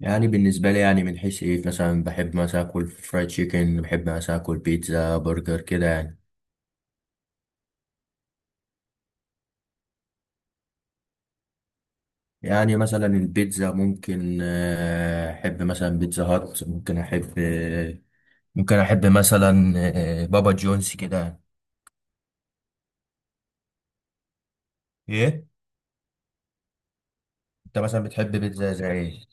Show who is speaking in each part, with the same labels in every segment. Speaker 1: يعني بالنسبة لي، يعني من حيث ايه مثلا، بحب مثلا اكل فرايد تشيكن، بحب مثلا اكل بيتزا برجر كده يعني. يعني مثلا البيتزا ممكن احب مثلا بيتزا هات، ممكن احب ممكن احب مثلا بابا جونز كده يعني. ايه، انت مثلا بتحب بيتزا زي ايه؟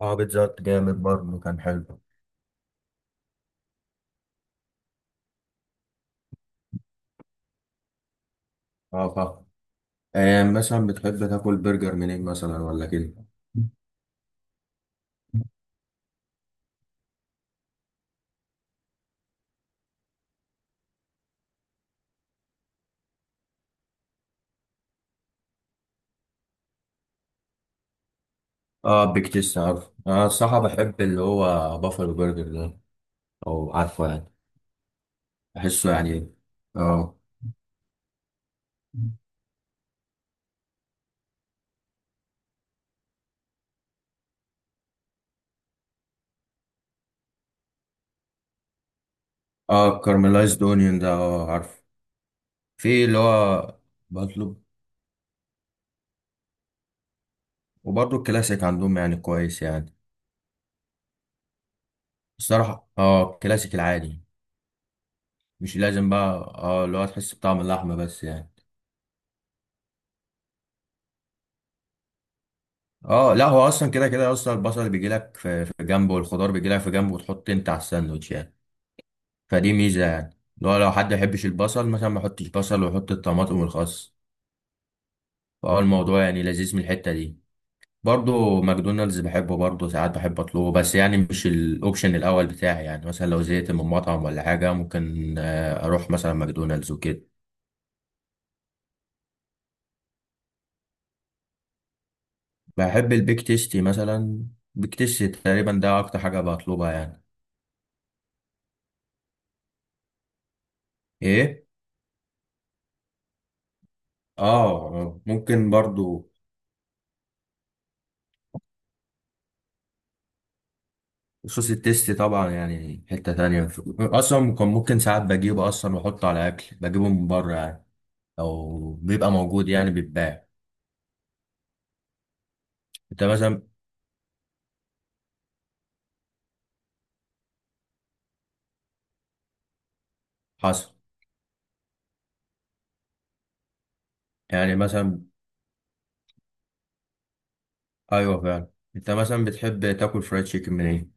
Speaker 1: اه، بيتزا هات جامد برضه، كان حلو. اه فا مثلا بتحب تاكل برجر منين مثلا ولا كده؟ اه، بيك تيست، عارف انا الصراحة بحب اللي هو بافلو برجر ده، او عارفه يعني، بحسه يعني. اه. اه كارملايزد اونيون ده، اه عارف. في اللي هو بطلب وبرضه الكلاسيك عندهم يعني كويس يعني. الصراحة اه الكلاسيك العادي، مش لازم بقى اه اللي هو تحس بطعم اللحمة بس يعني. اه لا، هو اصلا كده كده اصلا البصل بيجي لك في جنبه، والخضار بيجي لك في جنبه، وتحط انت على الساندوتش يعني. فدي ميزة يعني، اللي هو لو حد ما يحبش البصل مثلا، ما يحطش بصل ويحط الطماطم والخس. فهو الموضوع يعني لذيذ من الحتة دي. برضه ماكدونالدز بحبه، برضه ساعات بحب اطلبه، بس يعني مش الاوبشن الاول بتاعي يعني. مثلا لو زهقت من مطعم ولا حاجه، ممكن اروح مثلا ماكدونالدز وكده. بحب البيك تيستي مثلا، بيك تيستي تقريبا ده اكتر حاجه بطلبها يعني. ايه؟ اه، ممكن برضه. صوص التيستي طبعا يعني حته تانية، اصلا كان ممكن ساعات بجيبه اصلا واحطه على اكل بجيبه من بره يعني، او بيبقى موجود يعني بيتباع. انت مثلا حصل. يعني مثلا ايوه فعلا، انت مثلا بتحب تاكل فرايد تشيكن من ايه؟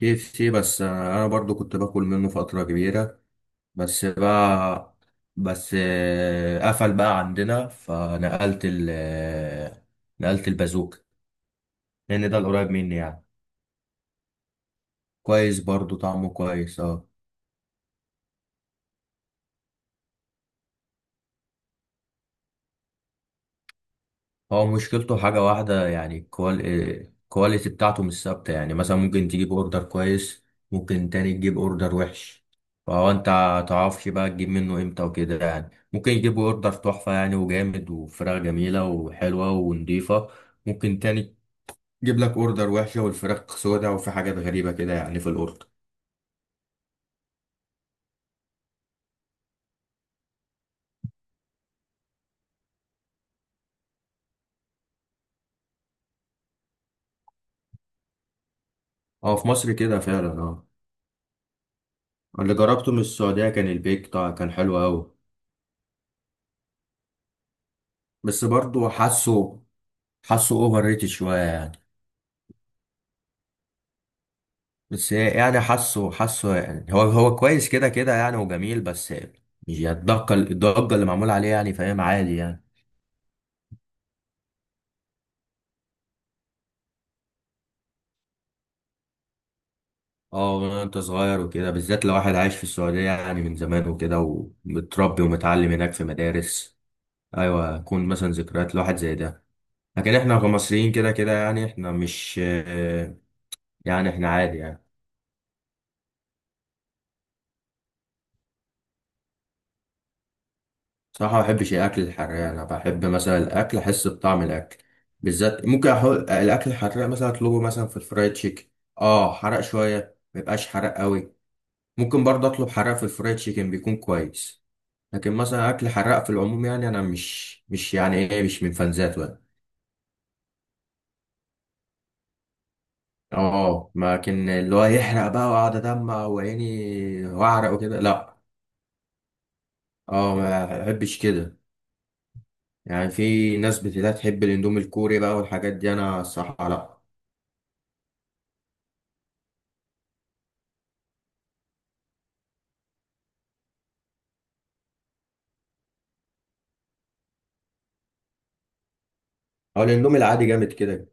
Speaker 1: كي اف سي بس انا برضو كنت باكل منه فتره كبيره، بس بقى، بس قفل بقى عندنا، فنقلت ال نقلت البازوك، لان ده القريب مني يعني. كويس برضو طعمه كويس، اه. هو مشكلته حاجة واحدة يعني الكواليتي بتاعته مش ثابتة يعني، مثلا ممكن تجيب اوردر كويس، ممكن تاني تجيب اوردر وحش. فهو انت متعرفش بقى تجيب منه امتى وكده يعني. ممكن يجيب اوردر تحفة يعني، وجامد وفراخ جميلة وحلوة ونضيفة، ممكن تاني يجيب لك اوردر وحشة والفراخ سودة وفي حاجات غريبة كده يعني في الاوردر. اه في مصر كده فعلا اه. اللي جربته من السعودية كان البيك، طبعا كان حلو أوي، بس برضه حاسه اوفر ريتد شوية يعني. بس يعني حاسه يعني، هو كويس كده كده يعني، وجميل. بس مش الضجة اللي معمول عليه يعني، فاهم، عادي يعني. اه من انت صغير وكده، بالذات لو واحد عايش في السعودية يعني من زمان وكده، ومتربي ومتعلم هناك في مدارس، ايوه يكون مثلا ذكريات لواحد زي ده. لكن احنا كمصريين كده كده يعني، احنا مش آه، يعني احنا عادي يعني. صراحة ما بحبش الأكل الحراق. أنا بحب مثلا الأكل أحس بطعم الأكل. بالذات ممكن أحط الأكل الحراق مثلا، أطلبه مثلا في الفرايد تشيكن. أه حرق شوية، ما يبقاش حرق قوي. ممكن برضه أطلب حرق في الفرايد تشيكن بيكون كويس. لكن مثلا أكل حراق في العموم، يعني أنا مش يعني إيه، مش من فان ذاته يعني. أه لكن اللي هو يحرق بقى وأقعد أدمع وعيني وأعرق وكده، لأ. أه ما بحبش كده. يعني في ناس بتلاقي تحب الأندومي الكوري بقى والحاجات دي، أنا الصراحة لأ. اه الاندومي العادي جامد كده.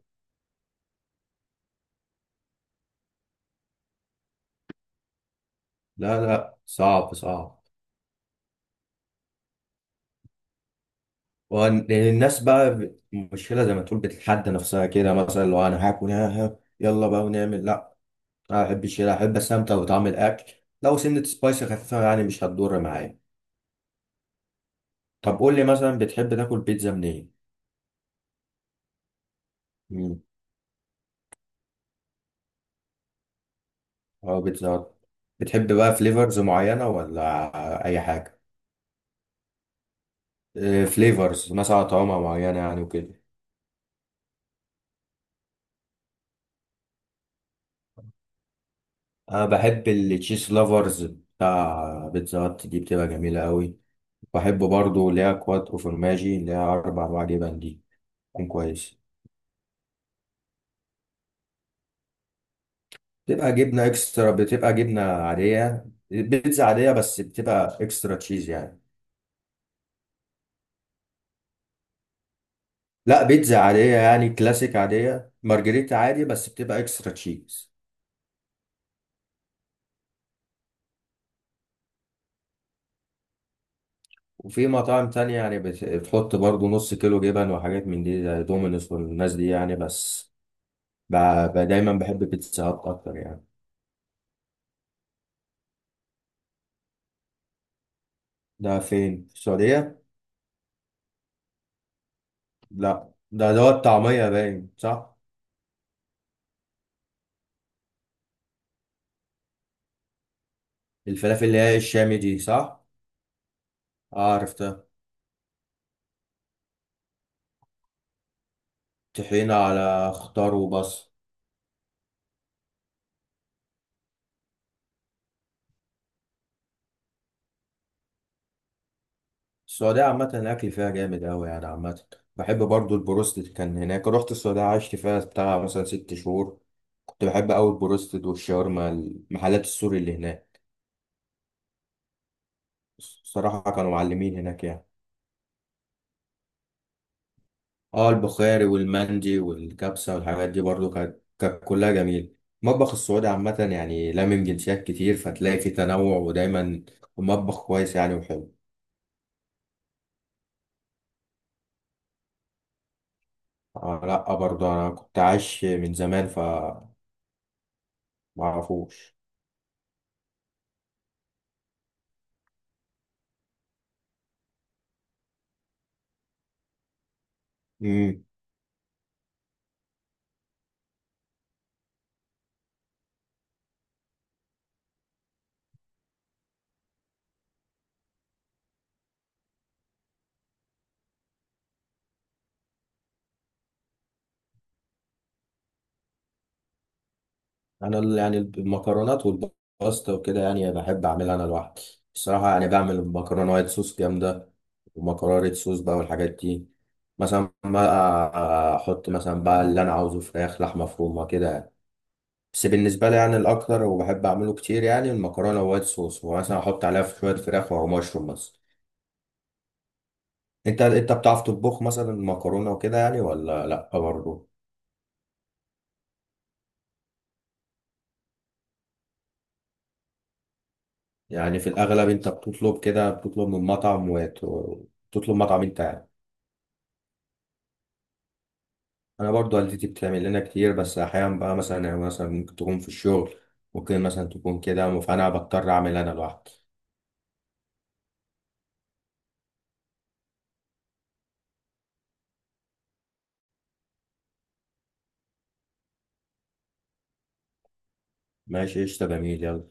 Speaker 1: لا لا، صعب صعب. لان الناس بقى مشكلة زي ما تقول بتتحدى نفسها كده، مثلا لو انا هاكل ها ها يلا بقى ونعمل، لا. انا ما بحبش كده، احب استمتع بطعم الاكل. لو سنة سبايسي خفيفة يعني مش هتضر معايا. طب قول لي مثلا بتحب تاكل بيتزا منين؟ مم، اه بيتزا هات. بتحب بقى فليفرز معينة ولا اي حاجة؟ آه، فليفرز مثلا طعمة معينة يعني وكده. انا بحب التشيز لافرز بتاع بيتزا هات دي، بتبقى جميلة قوي. بحب برضو اللي هي كوات او فورماجي، اللي هي اربع انواع جبن دي، تكون كويس. بتبقى جبنه اكسترا، بتبقى جبنه عاديه، بيتزا عاديه بس بتبقى اكسترا تشيز يعني. لا، بيتزا عاديه يعني كلاسيك عاديه، مارجريتا عادي، بس بتبقى اكسترا تشيز. وفي مطاعم تانية يعني بتحط برضو نص كيلو جبن وحاجات من دي زي دومينوس والناس دي يعني. بس ب- دايما بحب بيتزا هات اكتر يعني. ده فين، في السعوديه؟ لا ده دوت طعميه باين، صح؟ الفلافل اللي هي الشامي دي، صح؟ اه عرفتها. طحينة على خضار وبصل. السعودية عامة الأكل فيها جامد أوي يعني عامة. بحب برضو البروستد، كان هناك رحت السعودية عشت فيها بتاع مثلا ست شهور. كنت بحب أوي البروستد والشاورما، المحلات السوري اللي هناك، الصراحة كانوا معلمين هناك يعني. اه البخاري والمندي والكبسة والحاجات دي برضو، كانت كانت كلها جميلة. المطبخ السعودي عامة يعني لامم جنسيات كتير، فتلاقي فيه تنوع ودايما المطبخ كويس يعني وحلو. آه لا، برضه انا كنت عايش من زمان، فما اعرفوش. امم، انا يعني المكرونات والباستا وكده يعني بحب اعملها انا لوحدي الصراحه يعني. بعمل مكرونه وايت صوص جامده، ومكرونه ريد صوص بقى والحاجات دي. مثلا بقى احط مثلا بقى اللي انا عاوزه، فراخ، لحمه مفرومه كده يعني. بس بالنسبه لي يعني الاكتر وبحب اعمله كتير يعني المكرونه وايت صوص، ومثلا احط عليها شويه فراخ او مشروم مثلا. انت بتعرف تطبخ مثلا مكرونه وكده يعني، ولا لا برضه؟ يعني في الأغلب أنت بتطلب كده، بتطلب من مطعم، وتطلب مطعم أنت يعني. أنا برضو والدتي بتعمل لنا كتير، بس أحيانا بقى مثلا يعني، مثلا ممكن تكون في الشغل، ممكن مثلا تكون كده، فأنا بضطر أعمل أنا لوحدي. ماشي، قشطة، جميل، يلا.